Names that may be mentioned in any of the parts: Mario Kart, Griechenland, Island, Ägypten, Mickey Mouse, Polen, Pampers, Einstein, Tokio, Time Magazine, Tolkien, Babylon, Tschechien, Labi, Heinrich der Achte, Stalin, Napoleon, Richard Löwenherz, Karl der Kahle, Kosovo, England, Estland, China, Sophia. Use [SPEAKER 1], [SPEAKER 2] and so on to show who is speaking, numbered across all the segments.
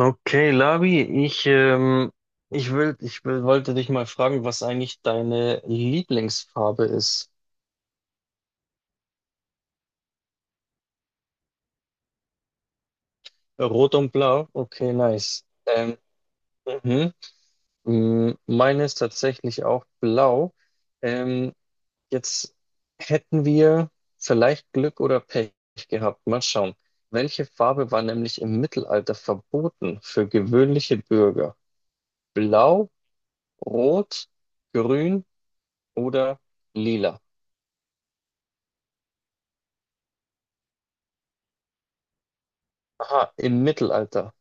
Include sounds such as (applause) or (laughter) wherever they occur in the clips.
[SPEAKER 1] Okay, Labi, ich wollte dich mal fragen, was eigentlich deine Lieblingsfarbe ist. Rot und Blau? Okay, nice. Mhm. Mm, meine ist tatsächlich auch blau. Ähm, Jetzt hätten wir vielleicht Glück oder Pech gehabt. Mal schauen. Welche Farbe war nämlich im Mittelalter verboten für gewöhnliche Bürger? Blau, Rot, Grün oder Lila? Aha, im Mittelalter.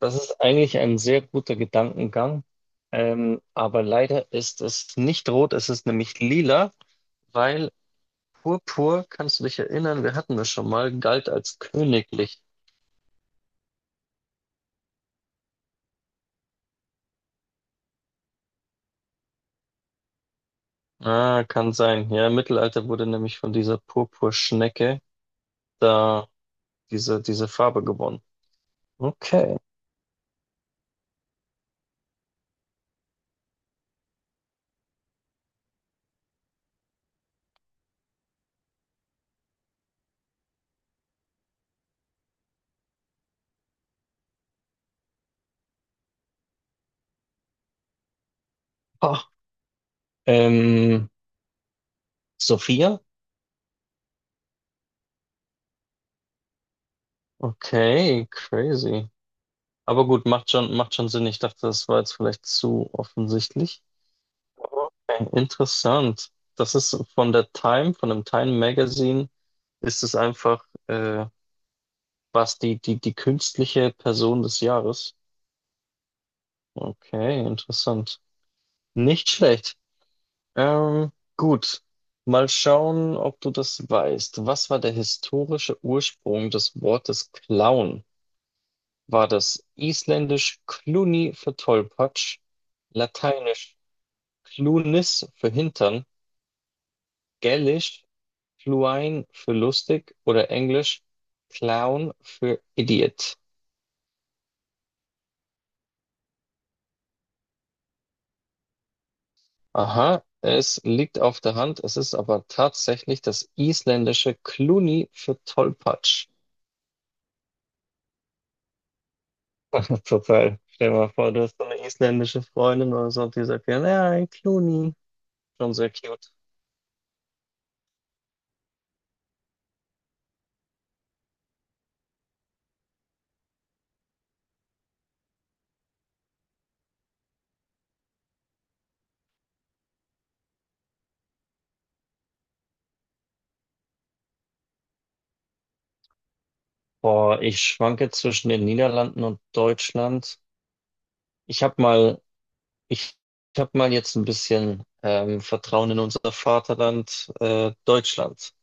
[SPEAKER 1] Das ist eigentlich ein sehr guter Gedankengang. Aber leider ist es nicht rot, es ist nämlich lila, weil Purpur, kannst du dich erinnern, wir hatten das schon mal, galt als königlich. Ah, kann sein. Ja, im Mittelalter wurde nämlich von dieser Purpurschnecke da diese Farbe gewonnen. Okay. Ah, ähm, Sophia? Okay, crazy. Aber gut, macht schon Sinn. Ich dachte, das war jetzt vielleicht zu offensichtlich. Okay, interessant. Das ist von der Time, von dem Time Magazine, ist es einfach, was die künstliche Person des Jahres. Okay, interessant. Nicht schlecht. Ähm, gut. Mal schauen, ob du das weißt. Was war der historische Ursprung des Wortes Clown? War das isländisch Cluni für Tollpatsch, lateinisch Clunis für Hintern, Gälisch Fluine für lustig oder Englisch Clown für Idiot? Aha, es liegt auf der Hand, es ist aber tatsächlich das isländische Kluni für Tollpatsch. (laughs) Total. Stell dir mal vor, du hast so eine isländische Freundin oder so und die sagt, ja, nein, Kluni. Schon sehr cute. Boah, ich schwanke zwischen den Niederlanden und Deutschland. Ich habe mal, ich, ich habe mal jetzt ein bisschen Vertrauen in unser Vaterland, Deutschland.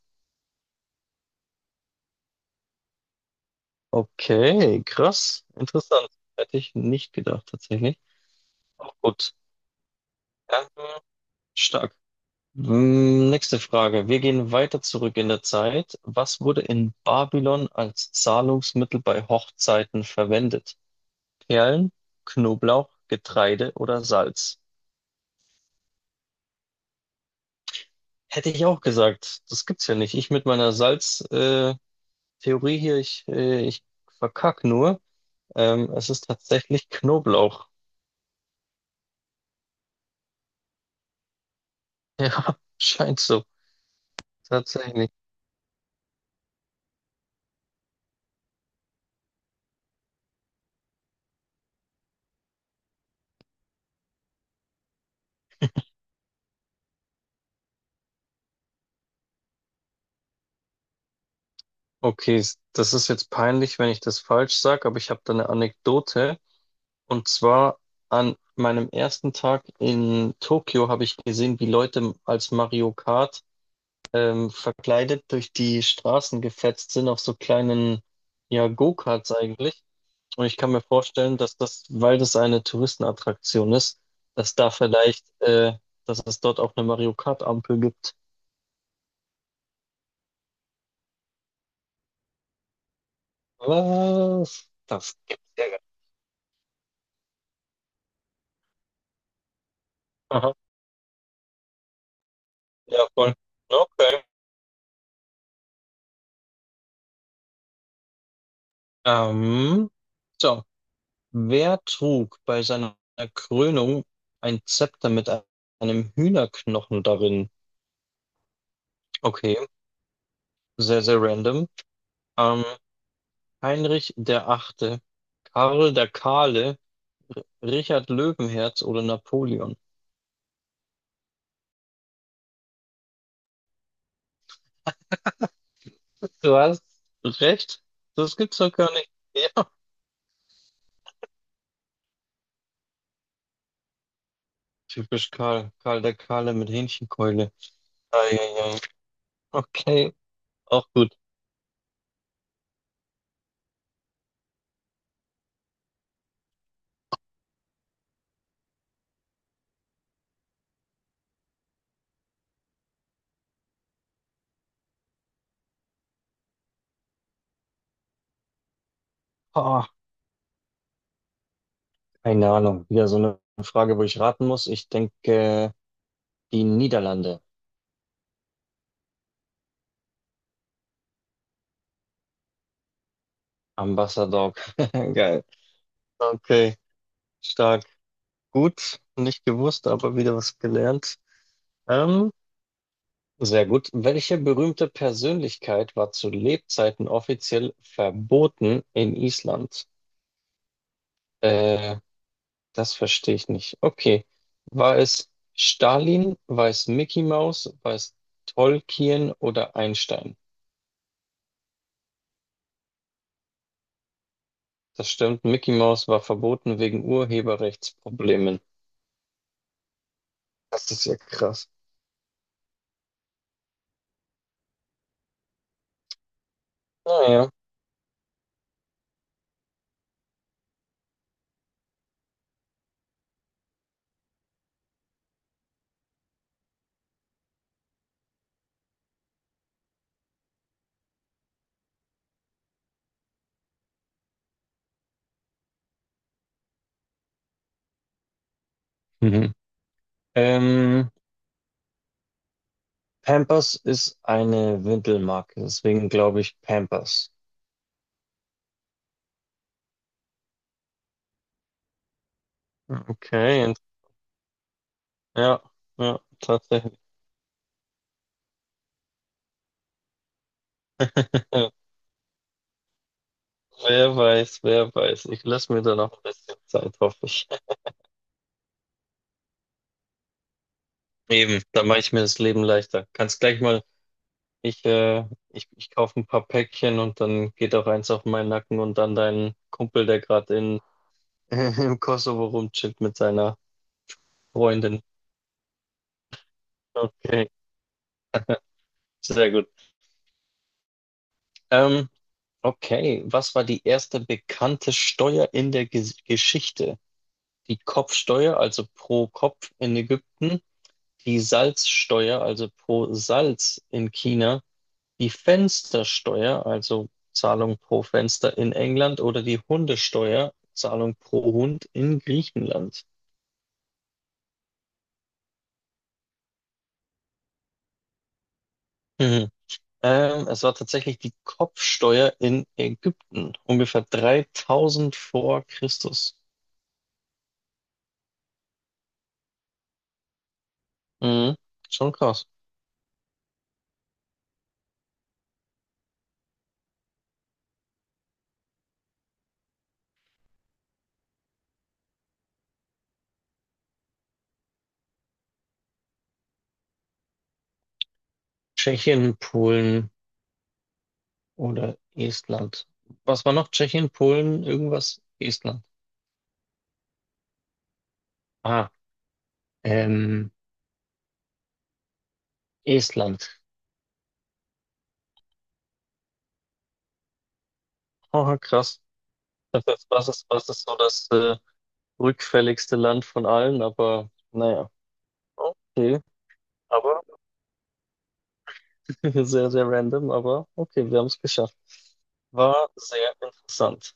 [SPEAKER 1] Okay, krass. Interessant. Hätte ich nicht gedacht, tatsächlich. Auch gut. Ähm, stark. Mm, nächste Frage. Wir gehen weiter zurück in der Zeit. Was wurde in Babylon als Zahlungsmittel bei Hochzeiten verwendet? Perlen, Knoblauch, Getreide oder Salz? Hätte ich auch gesagt. Das gibt's ja nicht. Ich mit meiner Salz-Theorie hier, ich verkack nur. Es ist tatsächlich Knoblauch. (laughs) Ja, scheint so. Tatsächlich. Okay, das ist jetzt peinlich, wenn ich das falsch sage, aber ich habe da eine Anekdote. Und zwar an meinem ersten Tag in Tokio habe ich gesehen, wie Leute als Mario Kart verkleidet durch die Straßen gefetzt sind auf so kleinen, ja, Go-Karts eigentlich. Und ich kann mir vorstellen, dass das, weil das eine Touristenattraktion ist, dass da dass es dort auch eine Mario Kart-Ampel gibt. Was? Das gibt's ja gar nicht. Aha, ja, voll. Okay. Ähm, so, wer trug bei seiner Krönung ein Zepter mit einem Hühnerknochen darin? Okay, sehr, sehr random. Ähm, Heinrich der Achte, Karl der Kahle, Richard Löwenherz oder Napoleon? Du hast recht, das gibt's doch gar nicht. Ja, typisch Karl, Karl der Kahle mit Hähnchenkeule. Eieiei. Okay, auch gut. Ah, keine Ahnung, wieder so eine Frage, wo ich raten muss. Ich denke. Die Niederlande. Ambassador. (laughs) Geil. Okay, stark. Gut, nicht gewusst, aber wieder was gelernt. Ähm, sehr gut. Welche berühmte Persönlichkeit war zu Lebzeiten offiziell verboten in Island? Äh, das verstehe ich nicht. Okay. War es Stalin, war es Mickey Mouse, war es Tolkien oder Einstein? Das stimmt. Mickey Mouse war verboten wegen Urheberrechtsproblemen. Das ist ja krass. Naja. (laughs) Ähm, Pampers ist eine Windelmarke, deswegen glaube ich Pampers. Okay, ja, ja, tatsächlich. (laughs) Wer weiß, wer weiß. Ich lasse mir da noch ein bisschen Zeit, hoffe ich. Eben, da mache ich mir das Leben leichter. Kannst gleich mal, ich kaufe ein paar Päckchen und dann geht auch eins auf meinen Nacken und dann deinen Kumpel, der gerade in (laughs) im Kosovo rumchillt mit seiner Freundin. Okay, sehr gut. Ähm, Okay, was war die erste bekannte Steuer in der Geschichte? Die Kopfsteuer, also pro Kopf in Ägypten, die Salzsteuer, also pro Salz in China, die Fenstersteuer, also Zahlung pro Fenster in England oder die Hundesteuer, Zahlung pro Hund in Griechenland. Mhm. Es war tatsächlich die Kopfsteuer in Ägypten, ungefähr 3000 vor Christus. Mhm. Schon krass. Tschechien, Polen, oder Estland. Was war noch? Tschechien, Polen, irgendwas? Estland. Ah, ähm, Estland. Oh, krass. Das ist, was ist so das rückfälligste Land von allen? Aber naja, okay. Aber (laughs) sehr, sehr random, aber okay, wir haben es geschafft. War sehr interessant.